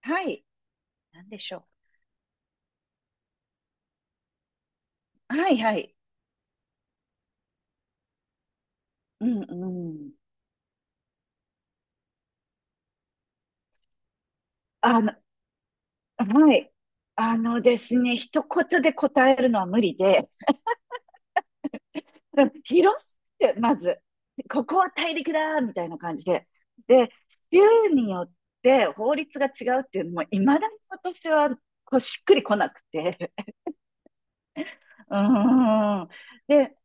はい。なんでしょう。はいはい。うんうん。あの、はい。あのですね、一言で答えるのは無理で、広すぎて、まず、ここは大陸だみたいな感じで。で、州によって法律が違うっていうのも、いまだに私はこうしっくりこなくて。うーん。で、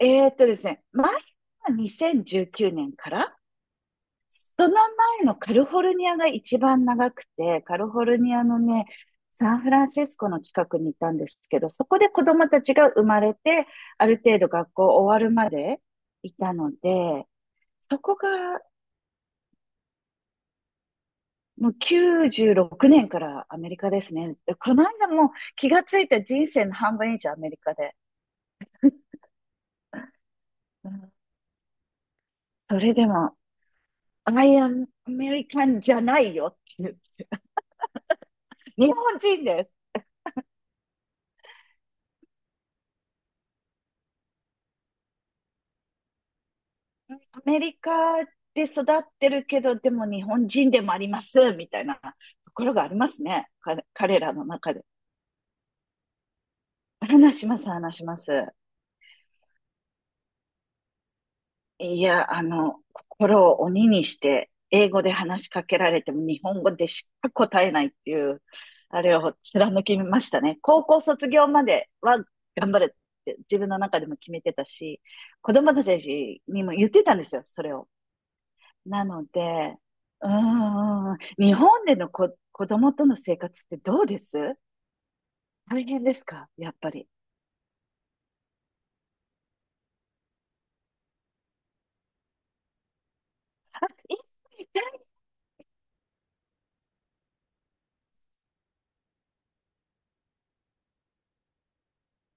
ですね、前は2019年から、その前のカリフォルニアが一番長くて、カリフォルニアのね、サンフランシスコの近くにいたんですけど、そこで子供たちが生まれて、ある程度学校終わるまでいたので、そこが。もう96年からアメリカですね。でこの間もう気がついた、人生の半分以上アメリカで。うん。それでも、I am American じゃないよっていう。日本人です。アメリカで育ってるけど、でも日本人でもあります、みたいなところがありますね。彼らの中で。話します、話します。いや、心を鬼にして、英語で話しかけられても日本語でしか答えないっていう、あれを貫きましたね。高校卒業までは頑張るって自分の中でも決めてたし、子供たちにも言ってたんですよ、それを。なので、日本でのこ、子供との生活ってどうです？大変ですかやっぱり？あ、一切痛い。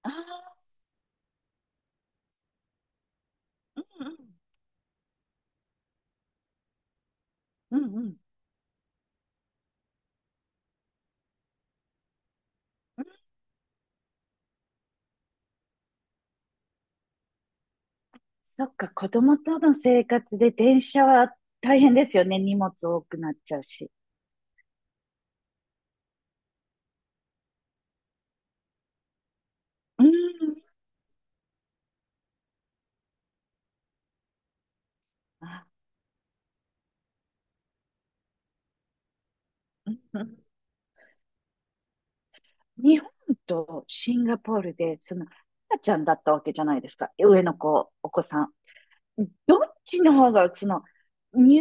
ああ、うんうん。うんうん。うん。そっか、子供との生活で電車は大変ですよね。荷物多くなっちゃうし。うん。あ、うんうん。日本とシンガポールで、赤ちゃんだったわけじゃないですか。上の子、お子さん。どっちの方が、乳、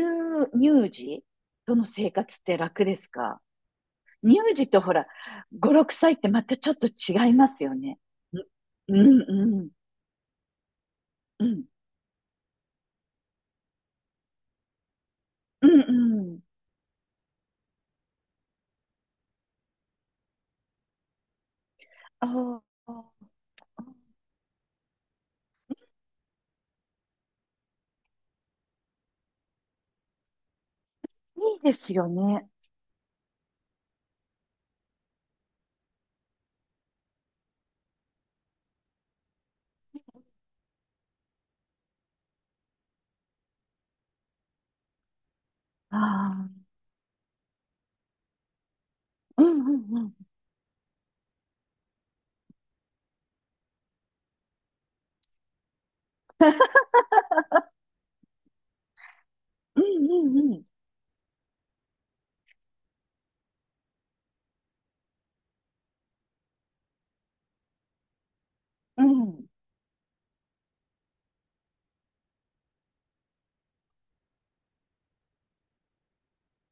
乳児との生活って楽ですか？乳児とほら、五六歳ってまたちょっと違いますよね。うん、うん、うん、うん、うん。ああ、いいですよね。ああ、うん、うん、うん、うん、うん、うん。うん。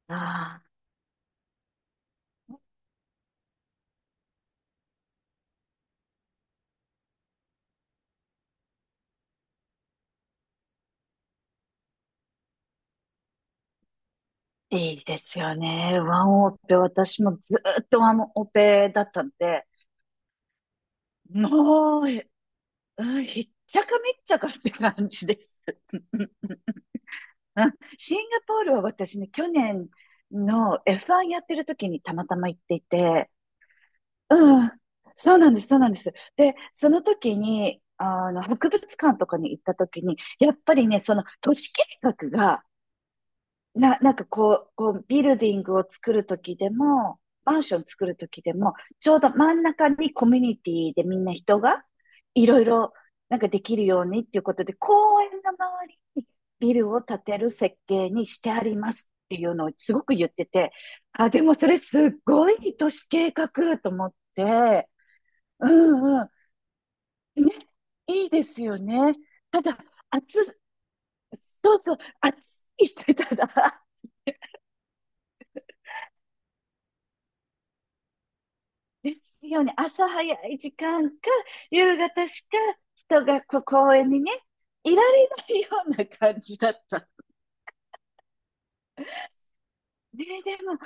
ああ、いいですよね。ワンオペ、私もずーっとワンオペだったんで、もう、うん、ひっちゃかめっちゃかって感じです。シンガポールは私ね、去年の F1 やってる時にたまたま行っていて、うん、そうなんです、そうなんです。で、その時に、博物館とかに行った時に、やっぱりね、その都市計画が、なんかこう、ビルディングを作るときでも、マンション作るときでも、ちょうど真ん中にコミュニティでみんな人がいろいろなんかできるようにっていうことで、公園の周りにビルを建てる設計にしてありますっていうのをすごく言ってて、あ、でもそれすっごい都市計画と思って、うんうん。ね、いいですよね。ただ、暑、そうそう、暑いしてたらですよね。朝早い時間か、夕方しか人がこう公園にね、いられないような感じだった。ねえ、でも、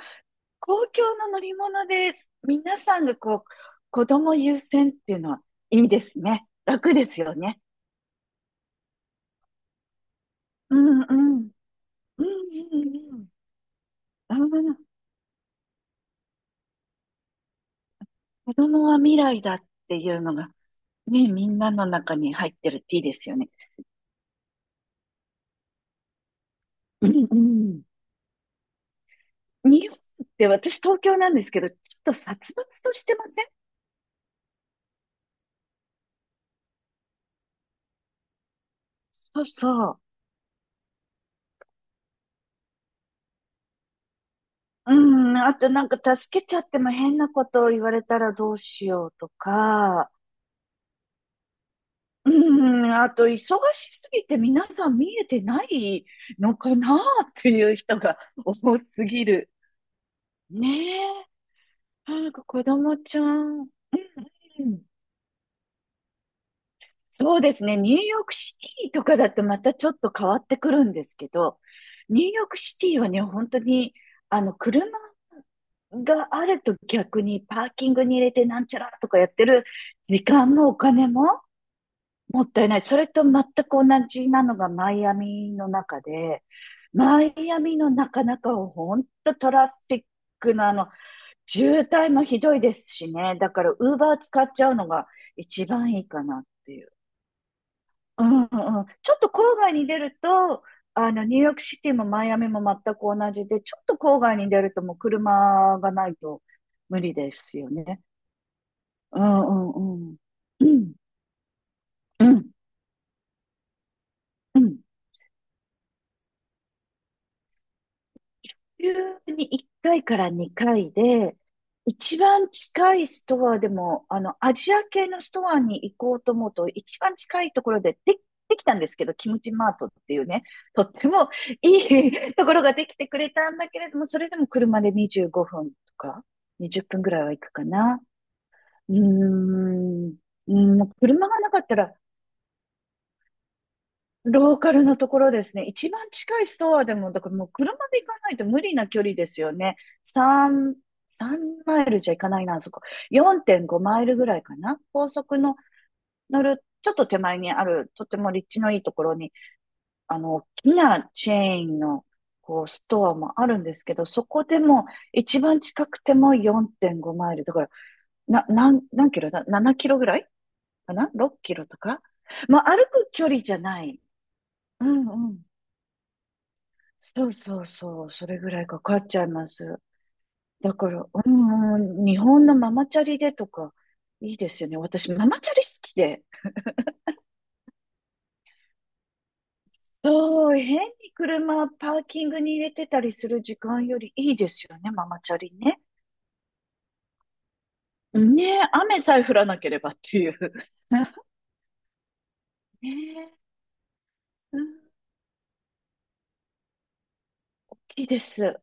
公共の乗り物で皆さんがこう、子供優先っていうのはいいですね。楽ですよね。うんうん。うんうんうん。うん。子供は未来だっていうのが、ね、みんなの中に入ってるっていいですよね。うんうん。日本って私東京なんですけど、ちょっと殺伐としてません？そうそう。うん、あとなんか助けちゃっても変なことを言われたらどうしようとか、うん、あと忙しすぎて皆さん見えてないのかなっていう人が多すぎる。ねえ。なんか子供ちゃん。うん。そうですね。ニューヨークシティとかだとまたちょっと変わってくるんですけど、ニューヨークシティはね、本当に、車があると逆にパーキングに入れてなんちゃらとかやってる時間もお金ももったいない。それと全く同じなのがマイアミの中で、マイアミのなかなか本当トラフィックの渋滞もひどいですしね。だから、ウーバー使っちゃうのが一番いいかなっていう。うんうん、ちょっと郊外に出ると、ニューヨークシティもマイアミも全く同じで、ちょっと郊外に出るともう車がないと無理ですよね。うんうんうん。うんうんうん。週に1回かいから2回で、一番近いストアでも、アジア系のストアに行こうと思うと、一番近いところで、できたんですけど、キムチマートっていうね、とってもいい ところができてくれたんだけれども、それでも車で25分とか、20分ぐらいは行くかな。うーん、うん、もう車がなかったら、ローカルのところですね。一番近いストアでも、だからもう車で行かないと無理な距離ですよね。3、3マイルじゃ行かないな、あそこ。4.5マイルぐらいかな。高速の乗る、ちょっと手前にある、とても立地のいいところに、大きなチェーンの、こう、ストアもあるんですけど、そこでも、一番近くても4.5マイル。だから、何キロだ？ 7 キロぐらいかな？ 6 キロとか。まあ、歩く距離じゃない。うんうん。そうそうそう、それぐらいかかっちゃいます。だから、日本のママチャリでとか、いいですよね。私、ママチャリ好きで。そう、変に車、パーキングに入れてたりする時間よりいいですよね、ママチャリね。ねえ、雨さえ降らなければっていう。ねえ、うん、大きいです。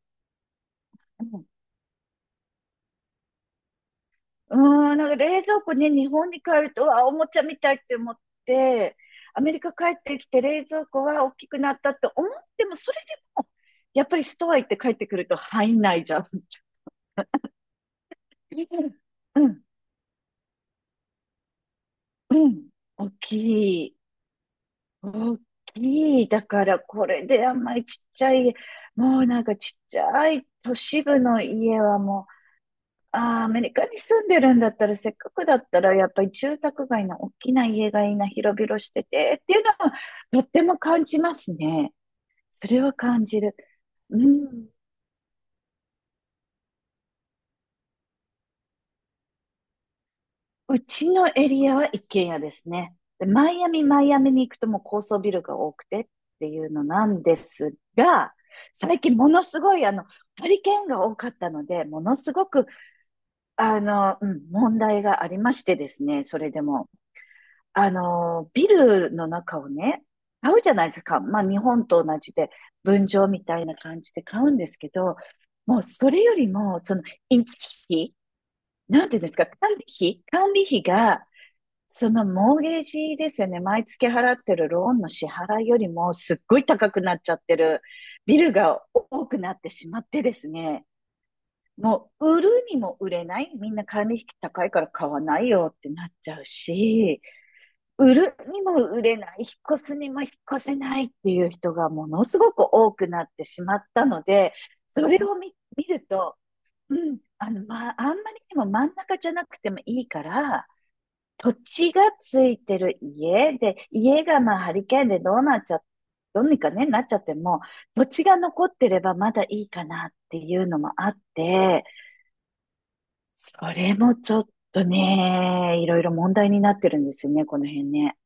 うーん、なんか冷蔵庫ね、日本に帰ると、あ、おもちゃみたいって思って、アメリカ帰ってきて冷蔵庫は大きくなったと思っても、それでも、やっぱりストア行って帰ってくると入んないじゃん。うん、うん。大きい。大きい。だから、これであんまりちっちゃい、もうなんかちっちゃい都市部の家はもう。ああ、アメリカに住んでるんだったら、せっかくだったら、やっぱり住宅街の大きな家がいいな、広々してて、っていうのは、とっても感じますね。それは感じる。うん。うちのエリアは一軒家ですね。で、マイアミに行くともう高層ビルが多くてっていうのなんですが、最近ものすごいハリケーンが多かったので、ものすごく、問題がありましてですね、それでも。ビルの中をね、買うじゃないですか。まあ、日本と同じで、分譲みたいな感じで買うんですけど、もうそれよりも、維持費、なんていうんですか、管理費が、そのモーゲージですよね、毎月払ってるローンの支払いよりも、すっごい高くなっちゃってるビルが多くなってしまってですね、もう売るにも売れない、みんな管理費高いから買わないよってなっちゃうし、売るにも売れない、引っ越すにも引っ越せないっていう人がものすごく多くなってしまったので、それを見ると、まあ、あんまりにも真ん中じゃなくてもいいから、土地がついてる家で、家がまあハリケーンでどうにかね、なっちゃっても、土地が残ってればまだいいかなっていうのもあって、それもちょっとね、いろいろ問題になってるんですよね、この辺ね。